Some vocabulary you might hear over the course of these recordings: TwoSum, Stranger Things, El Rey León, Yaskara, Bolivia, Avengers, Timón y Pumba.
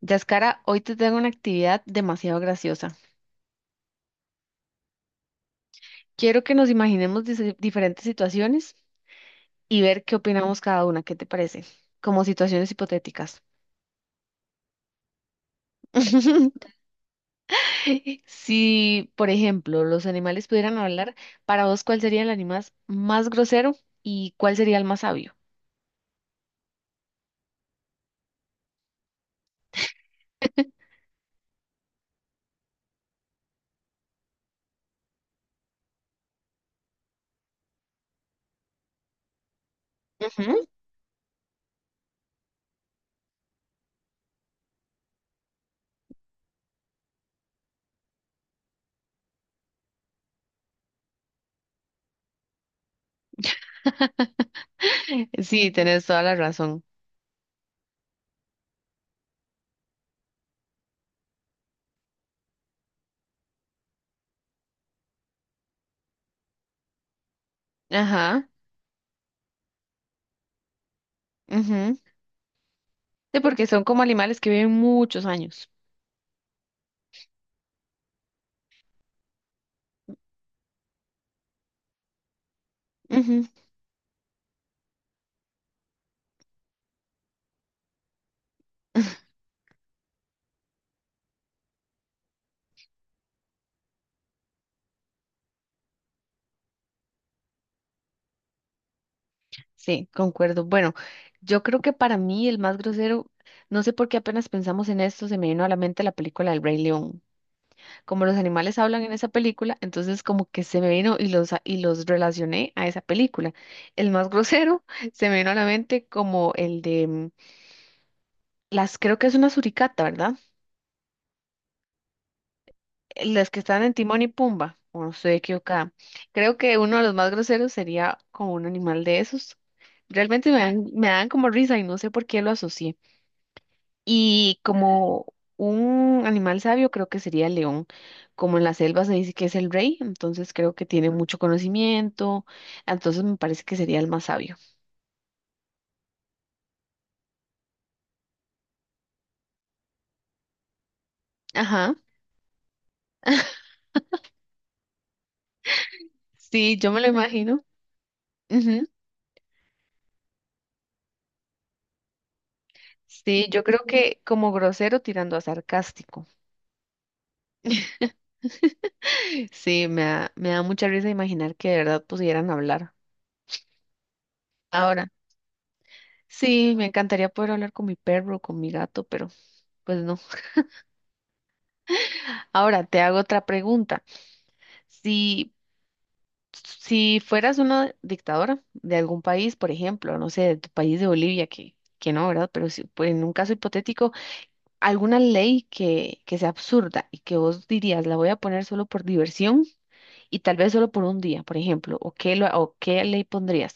Yaskara, hoy te tengo una actividad demasiado graciosa. Quiero que nos imaginemos diferentes situaciones y ver qué opinamos cada una. ¿Qué te parece? Como situaciones hipotéticas. Si, por ejemplo, los animales pudieran hablar, para vos, ¿cuál sería el animal más grosero y cuál sería el más sabio? Ujú. Sí, tenés toda la razón. Ajá. Ujú. Sí, porque son como animales que viven muchos años. Ujú. Sí, concuerdo. Bueno, yo creo que para mí el más grosero, no sé por qué apenas pensamos en esto, se me vino a la mente la película El Rey León. Como los animales hablan en esa película, entonces como que se me vino y los, y los relacioné a esa película. El más grosero se me vino a la mente como el de creo que es una suricata, ¿verdad? Las que están en Timón y Pumba, o no estoy equivocada. Creo que uno de los más groseros sería como un animal de esos. Realmente me dan como risa y no sé por qué lo asocié. Y como un animal sabio, creo que sería el león. Como en la selva se dice que es el rey, entonces creo que tiene mucho conocimiento. Entonces me parece que sería el más sabio. Ajá, sí, yo me lo imagino. Ujú. Sí, yo creo que como grosero tirando a sarcástico. Sí, me da mucha risa imaginar que de verdad pudieran hablar. Ahora, sí, me encantaría poder hablar con mi perro, con mi gato, pero pues no. Ahora te hago otra pregunta. Si Si fueras una dictadora de algún país, por ejemplo, no sé, de tu país de Bolivia, que no, ¿verdad? Pero si, pues, en un caso hipotético, alguna ley que sea absurda y que vos dirías, la voy a poner solo por diversión y tal vez solo por un día, por ejemplo, o qué ley pondrías?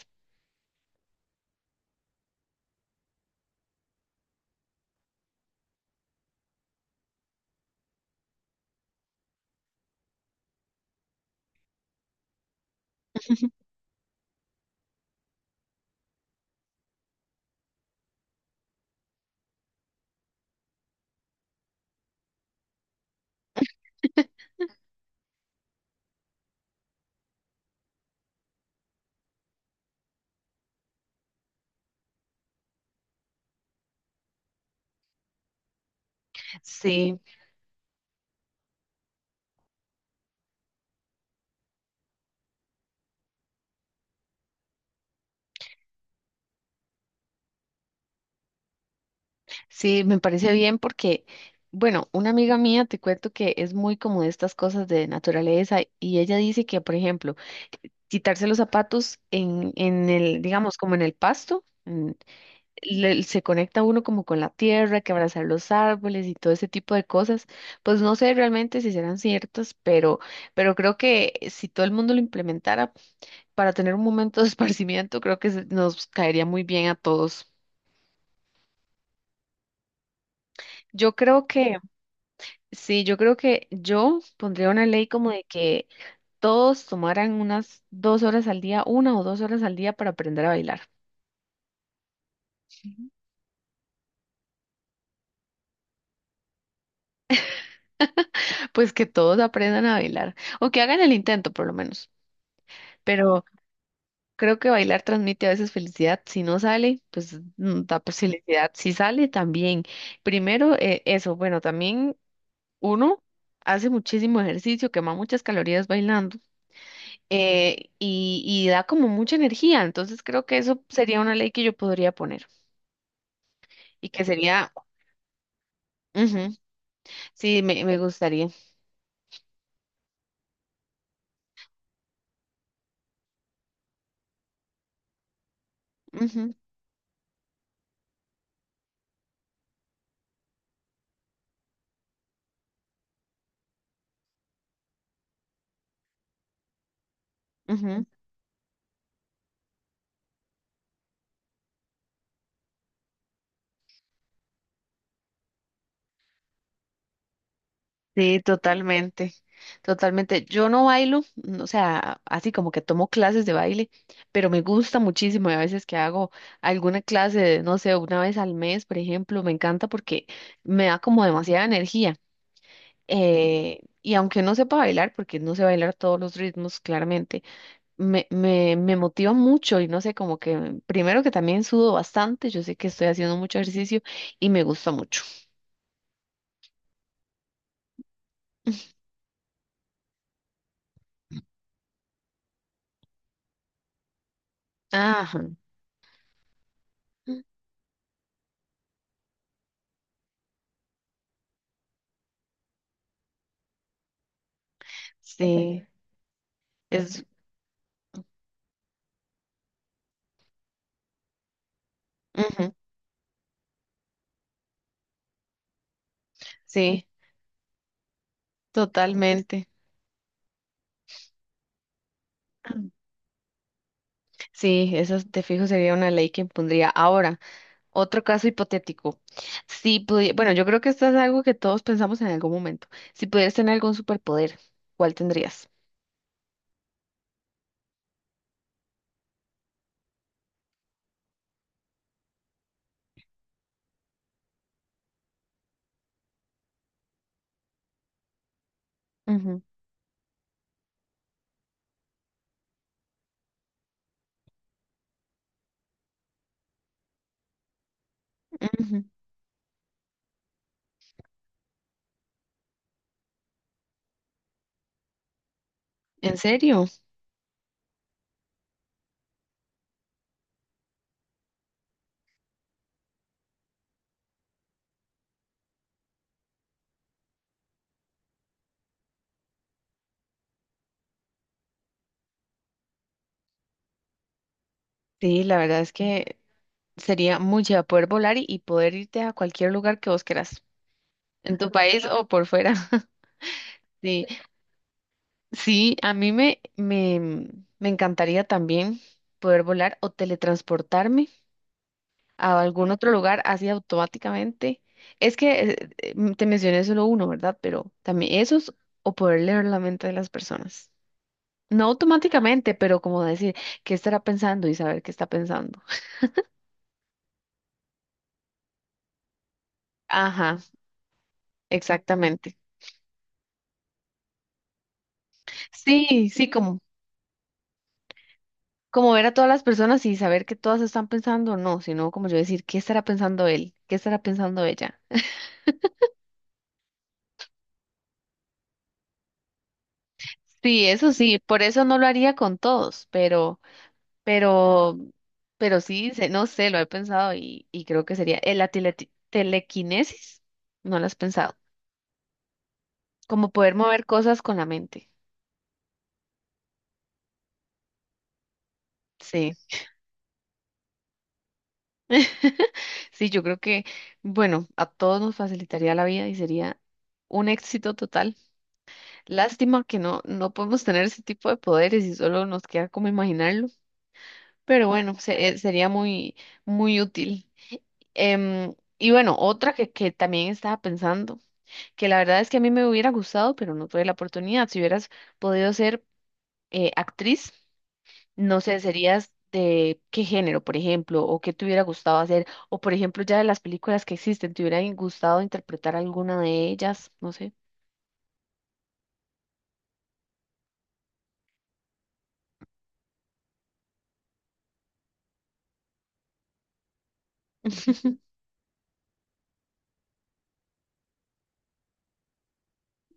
Sí. Sí, me parece bien porque, bueno, una amiga mía te cuento que es muy como de estas cosas de naturaleza y ella dice que, por ejemplo, quitarse los zapatos en, el, digamos, como en el pasto, se conecta uno como con la tierra, que abrazar los árboles y todo ese tipo de cosas, pues no sé realmente si serán ciertas, pero creo que si todo el mundo lo implementara para tener un momento de esparcimiento, creo que nos caería muy bien a todos. Yo creo que Sí, yo creo que yo pondría una ley como de que todos tomaran unas dos horas al día, una o dos horas al día para aprender a bailar. Pues que todos aprendan a bailar o que hagan el intento por lo menos. Pero creo que bailar transmite a veces felicidad. Si no sale, pues da pues, felicidad. Si sale, también. Primero, eso. Bueno, también uno hace muchísimo ejercicio, quema muchas calorías bailando. Y da como mucha energía. Entonces creo que eso sería una ley que yo podría poner y que sería, ujú, sí, me gustaría. Ujú, ujú. Sí, totalmente, totalmente. Yo no bailo, o sea, así como que tomo clases de baile, pero me gusta muchísimo y a veces que hago alguna clase, de, no sé, una vez al mes, por ejemplo, me encanta porque me da como demasiada energía. Y aunque no sepa bailar, porque no sé bailar todos los ritmos, claramente, me motiva mucho y no sé, como que primero que también sudo bastante, yo sé que estoy haciendo mucho ejercicio y me gusta mucho. Ajá, sí, es, ujú, sí, totalmente. Sí, esa te fijo sería una ley que impondría. Ahora, otro caso hipotético. Si pudi- bueno, yo creo que esto es algo que todos pensamos en algún momento. Si pudieras tener algún superpoder, ¿cuál tendrías? Ujú, ujú. ¿En serio? Sí, la verdad es que sería muy chévere poder volar y, poder irte a cualquier lugar que vos quieras, en tu país o por fuera. Sí, sí, a mí me encantaría también poder volar o teletransportarme a algún otro lugar así automáticamente. Es que te mencioné solo uno, ¿verdad? Pero también esos o poder leer la mente de las personas. No automáticamente, pero como decir qué estará pensando y saber qué está pensando. Ajá, exactamente. Sí, sí, como ver a todas las personas y saber que todas están pensando, no, sino como yo decir, ¿qué estará pensando él? ¿Qué estará pensando ella? Sí, eso sí, por eso no lo haría con todos, pero, pero, pero, sí, no sé, lo he pensado y creo que sería la telequinesis, no lo has pensado, como poder mover cosas con la mente. Sí, sí, yo creo que, bueno, a todos nos facilitaría la vida y sería un éxito total. Lástima que no podemos tener ese tipo de poderes y solo nos queda como imaginarlo, pero bueno, sería muy, muy útil. Y bueno, otra que también estaba pensando, que la verdad es que a mí me hubiera gustado, pero no tuve la oportunidad. Si hubieras podido ser actriz, no sé, serías de qué género, por ejemplo, o qué te hubiera gustado hacer, o por ejemplo, ya de las películas que existen, ¿te hubiera gustado interpretar alguna de ellas? No sé.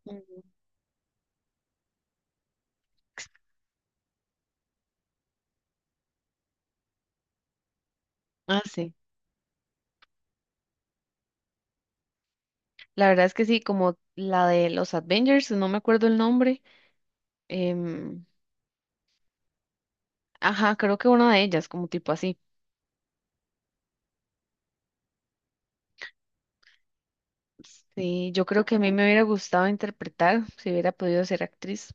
Mm. Ah, sí. La verdad es que sí, como la de los Avengers, no me acuerdo el nombre. em, ajá, creo que una de ellas, como tipo así. Sí, yo creo que a mí me hubiera gustado interpretar, si hubiera podido ser actriz,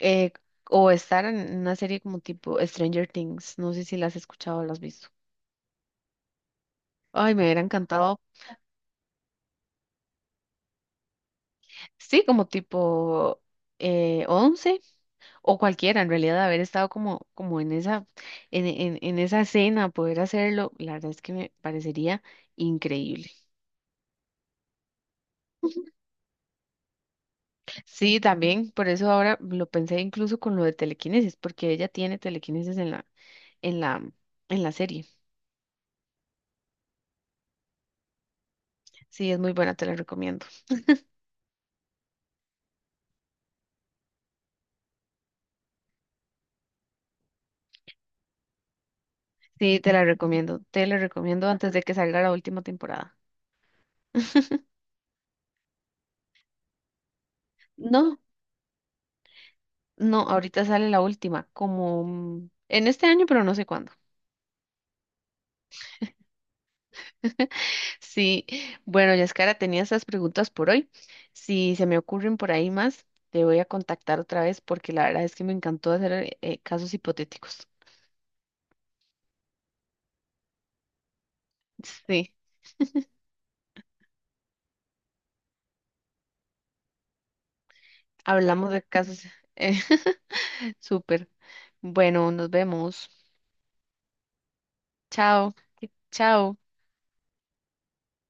eh, o estar en una serie como tipo Stranger Things. No sé si la has escuchado o la has visto. Ay, me hubiera encantado. Sí, como tipo 11 o cualquiera, en realidad, haber estado como, en esa, en esa escena, poder hacerlo, la verdad es que me parecería increíble. Sí, también, por eso ahora lo pensé incluso con lo de telequinesis, porque ella tiene telequinesis en la, en la serie. Sí, es muy buena, te la recomiendo. Sí, te la recomiendo antes de que salga la última temporada. No, no, ahorita sale la última, como en este año, pero no sé cuándo. Sí, bueno, Yaskara, tenía esas preguntas por hoy. Si se me ocurren por ahí más, te voy a contactar otra vez porque la verdad es que me encantó hacer casos hipotéticos. Sí. Hablamos de casos. eh, súper. Bueno, nos vemos. Chao. Chao.